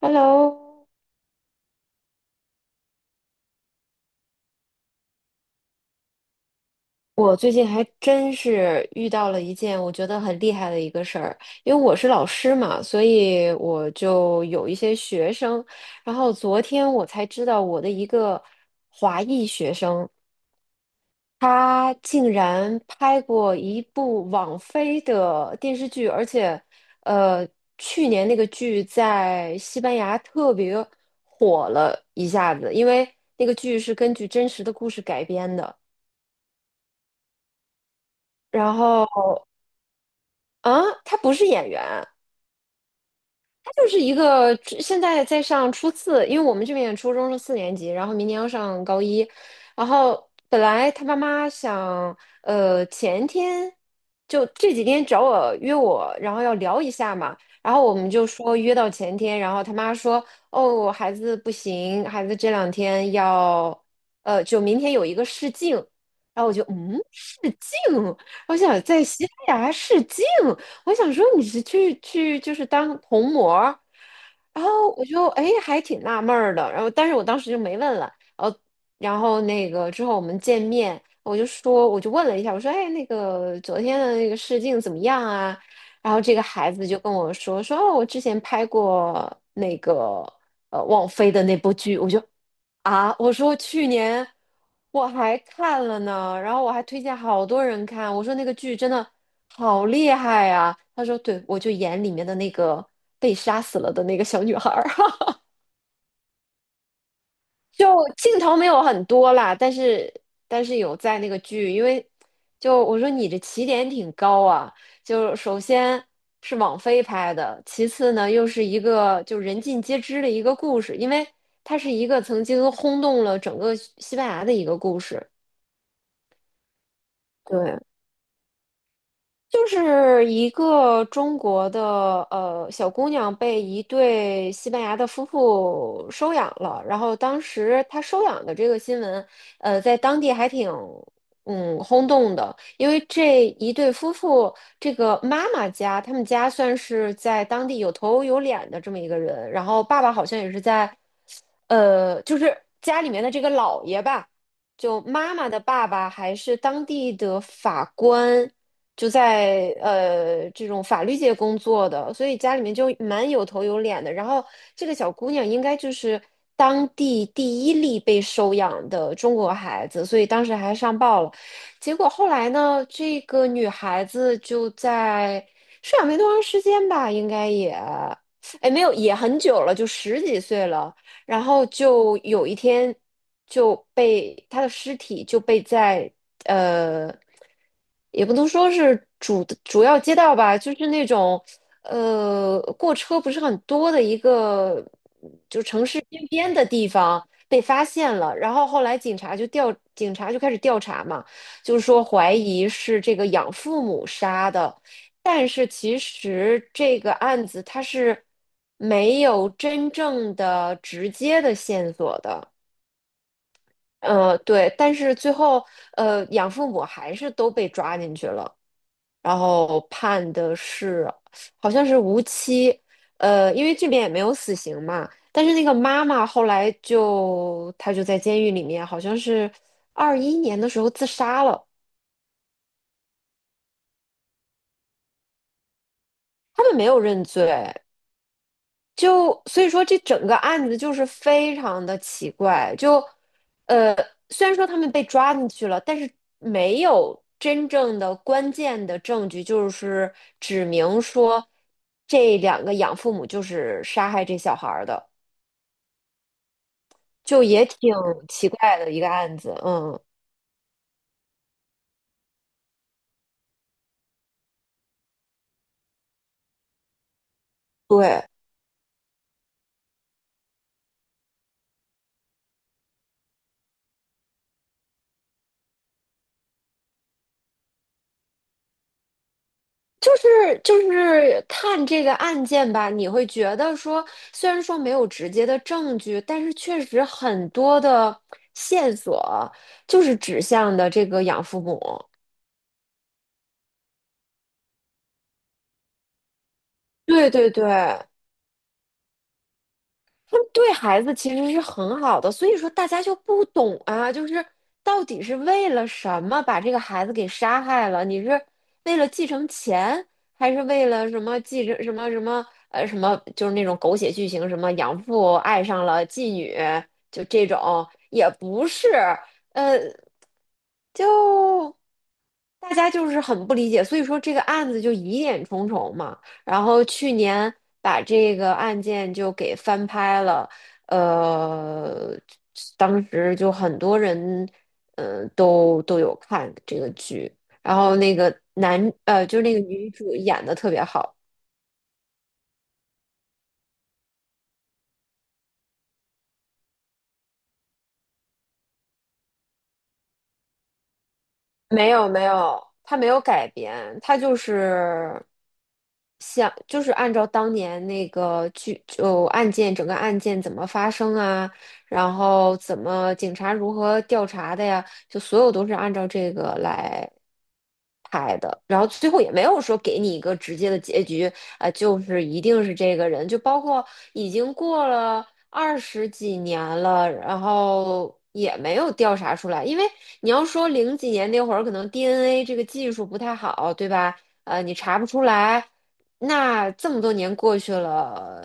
Hello,我最近还真是遇到了一件我觉得很厉害的一个事儿，因为我是老师嘛，所以我就有一些学生，然后昨天我才知道我的一个华裔学生，他竟然拍过一部网飞的电视剧，而且，呃，去年那个剧在西班牙特别火了一下子，因为那个剧是根据真实的故事改编的。然后啊，他不是演员，他就是一个现在在上初四，因为我们这边初中是四年级，然后明年要上高一，然后本来他妈妈想，前天就这几天找我约我，然后要聊一下嘛，然后我们就说约到前天，然后他妈说，哦，我孩子不行，孩子这两天要，就明天有一个试镜，然后我就嗯，试镜，我想在西班牙试镜。我想说你是去就是当童模儿然后我就哎还挺纳闷儿的，然后但是我当时就没问了，然后然后那个之后我们见面，我就说我就问了一下，我说哎那个昨天的那个试镜怎么样啊？然后这个孩子就跟我说哦我之前拍过那个王菲的那部剧，我就啊，我说去年我还看了呢，然后我还推荐好多人看，我说那个剧真的好厉害呀。他说，对，我就演里面的那个被杀死了的那个小女孩儿，就镜头没有很多啦，但是有在那个剧，因为就我说你这起点挺高啊，就首先是网飞拍的，其次呢又是一个就人尽皆知的一个故事，因为它是一个曾经轰动了整个西班牙的一个故事。对，就是一个中国的小姑娘被一对西班牙的夫妇收养了，然后当时她收养的这个新闻，在当地还挺嗯轰动的，因为这一对夫妇，这个妈妈家，他们家算是在当地有头有脸的这么一个人，然后爸爸好像也是在就是家里面的这个老爷吧，就妈妈的爸爸还是当地的法官，就在这种法律界工作的，所以家里面就蛮有头有脸的。然后这个小姑娘应该就是当地第一例被收养的中国孩子，所以当时还上报了。结果后来呢，这个女孩子就在收养没多长时间吧，应该也，哎，没有，也很久了，就十几岁了。然后就有一天就被他的尸体就被在呃，也不能说是主要街道吧，就是那种过车不是很多的一个就城市边边的地方被发现了，然后后来警察就开始调查嘛，就是说怀疑是这个养父母杀的。但是其实这个案子它是没有真正的直接的线索的，对，但是最后养父母还是都被抓进去了，然后判的是好像是无期，因为这边也没有死刑嘛，但是那个妈妈后来就她就在监狱里面，好像是二一年的时候自杀了，他们没有认罪，就所以说这整个案子就是非常的奇怪，呃，虽然说他们被抓进去了，但是没有真正的关键的证据，就是指明说这两个养父母就是杀害这小孩儿的，就也挺奇怪的一个案子，嗯，对。就是就是看这个案件吧，你会觉得说，虽然说没有直接的证据，但是确实很多的线索就是指向的这个养父母。对对对，他们对孩子其实是很好的，所以说大家就不懂啊，就是到底是为了什么把这个孩子给杀害了？你是为了继承钱，还是为了什么继承什么什么什么？就是那种狗血剧情，什么养父爱上了妓女，就这种也不是，呃，就大家就是很不理解，所以说这个案子就疑点重重嘛。然后去年把这个案件就给翻拍了，呃，当时就很多人，嗯，都有看这个剧，然后那个男，就是那个女主演的特别好。没有没有，他没有改编，他就是像就是按照当年那个剧就案件整个案件怎么发生啊，然后怎么警察如何调查的呀，就所有都是按照这个来拍的，然后最后也没有说给你一个直接的结局，啊，就是一定是这个人，就包括已经过了二十几年了，然后也没有调查出来，因为。你要说零几年那会儿，可能 DNA 这个技术不太好，对吧？你查不出来。那这么多年过去了，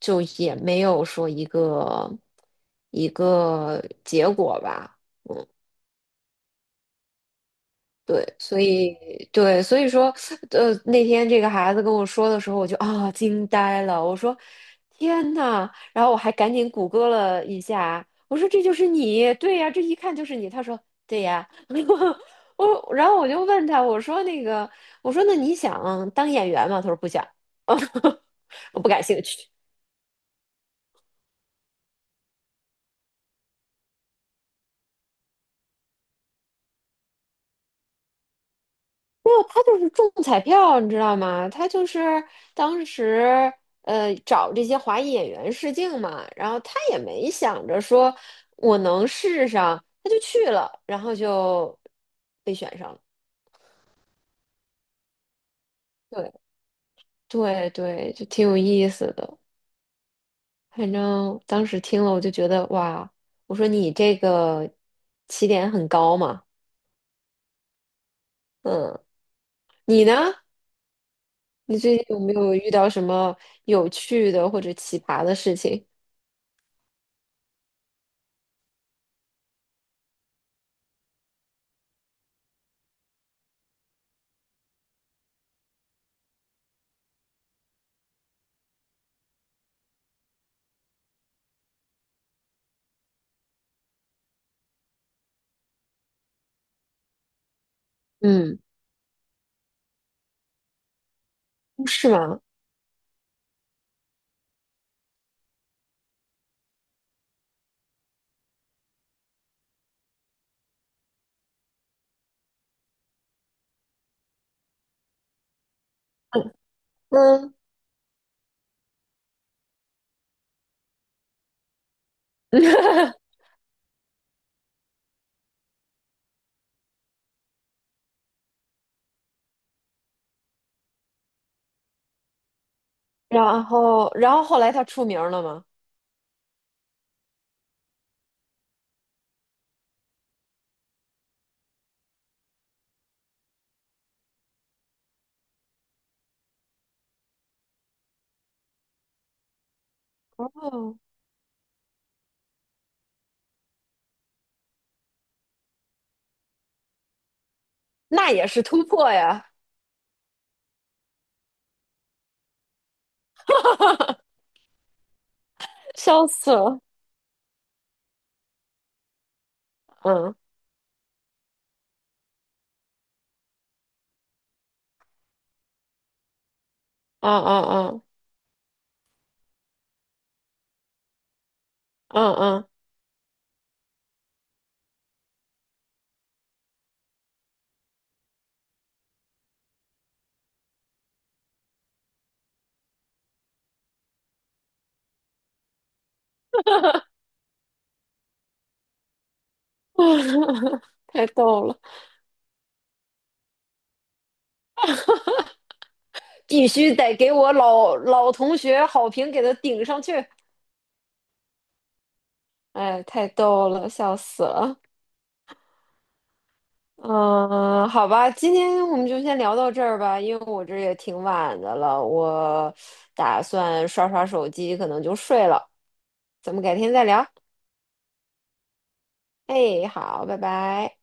就也没有说一个一个结果吧。对，所以对，所以说，那天这个孩子跟我说的时候，我就啊、惊呆了，我说天呐，然后我还赶紧谷歌了一下，我说这就是你，对呀，这一看就是你。他说对呀，我然后我就问他，我说那个，我说那你想当演员吗？他说不想，我不感兴趣。没有，他就是中彩票，你知道吗？他就是当时找这些华裔演员试镜嘛，然后他也没想着说我能试上，他就去了，然后就被选上了。对对对，就挺有意思的。反正当时听了，我就觉得哇，我说你这个起点很高嘛，嗯，你呢？你最近有没有遇到什么有趣的或者奇葩的事情？嗯，是吗？嗯，嗯，然后，然后后来他出名了吗？哦，那也是突破呀，笑死了。嗯，嗯嗯嗯嗯嗯，太逗了，必须得给我老同学好评给他顶上去。哎，太逗了，笑死了。嗯，好吧，今天我们就先聊到这儿吧，因为我这也挺晚的了，我打算刷刷手机，可能就睡了。咱们改天再聊。哎，好，拜拜。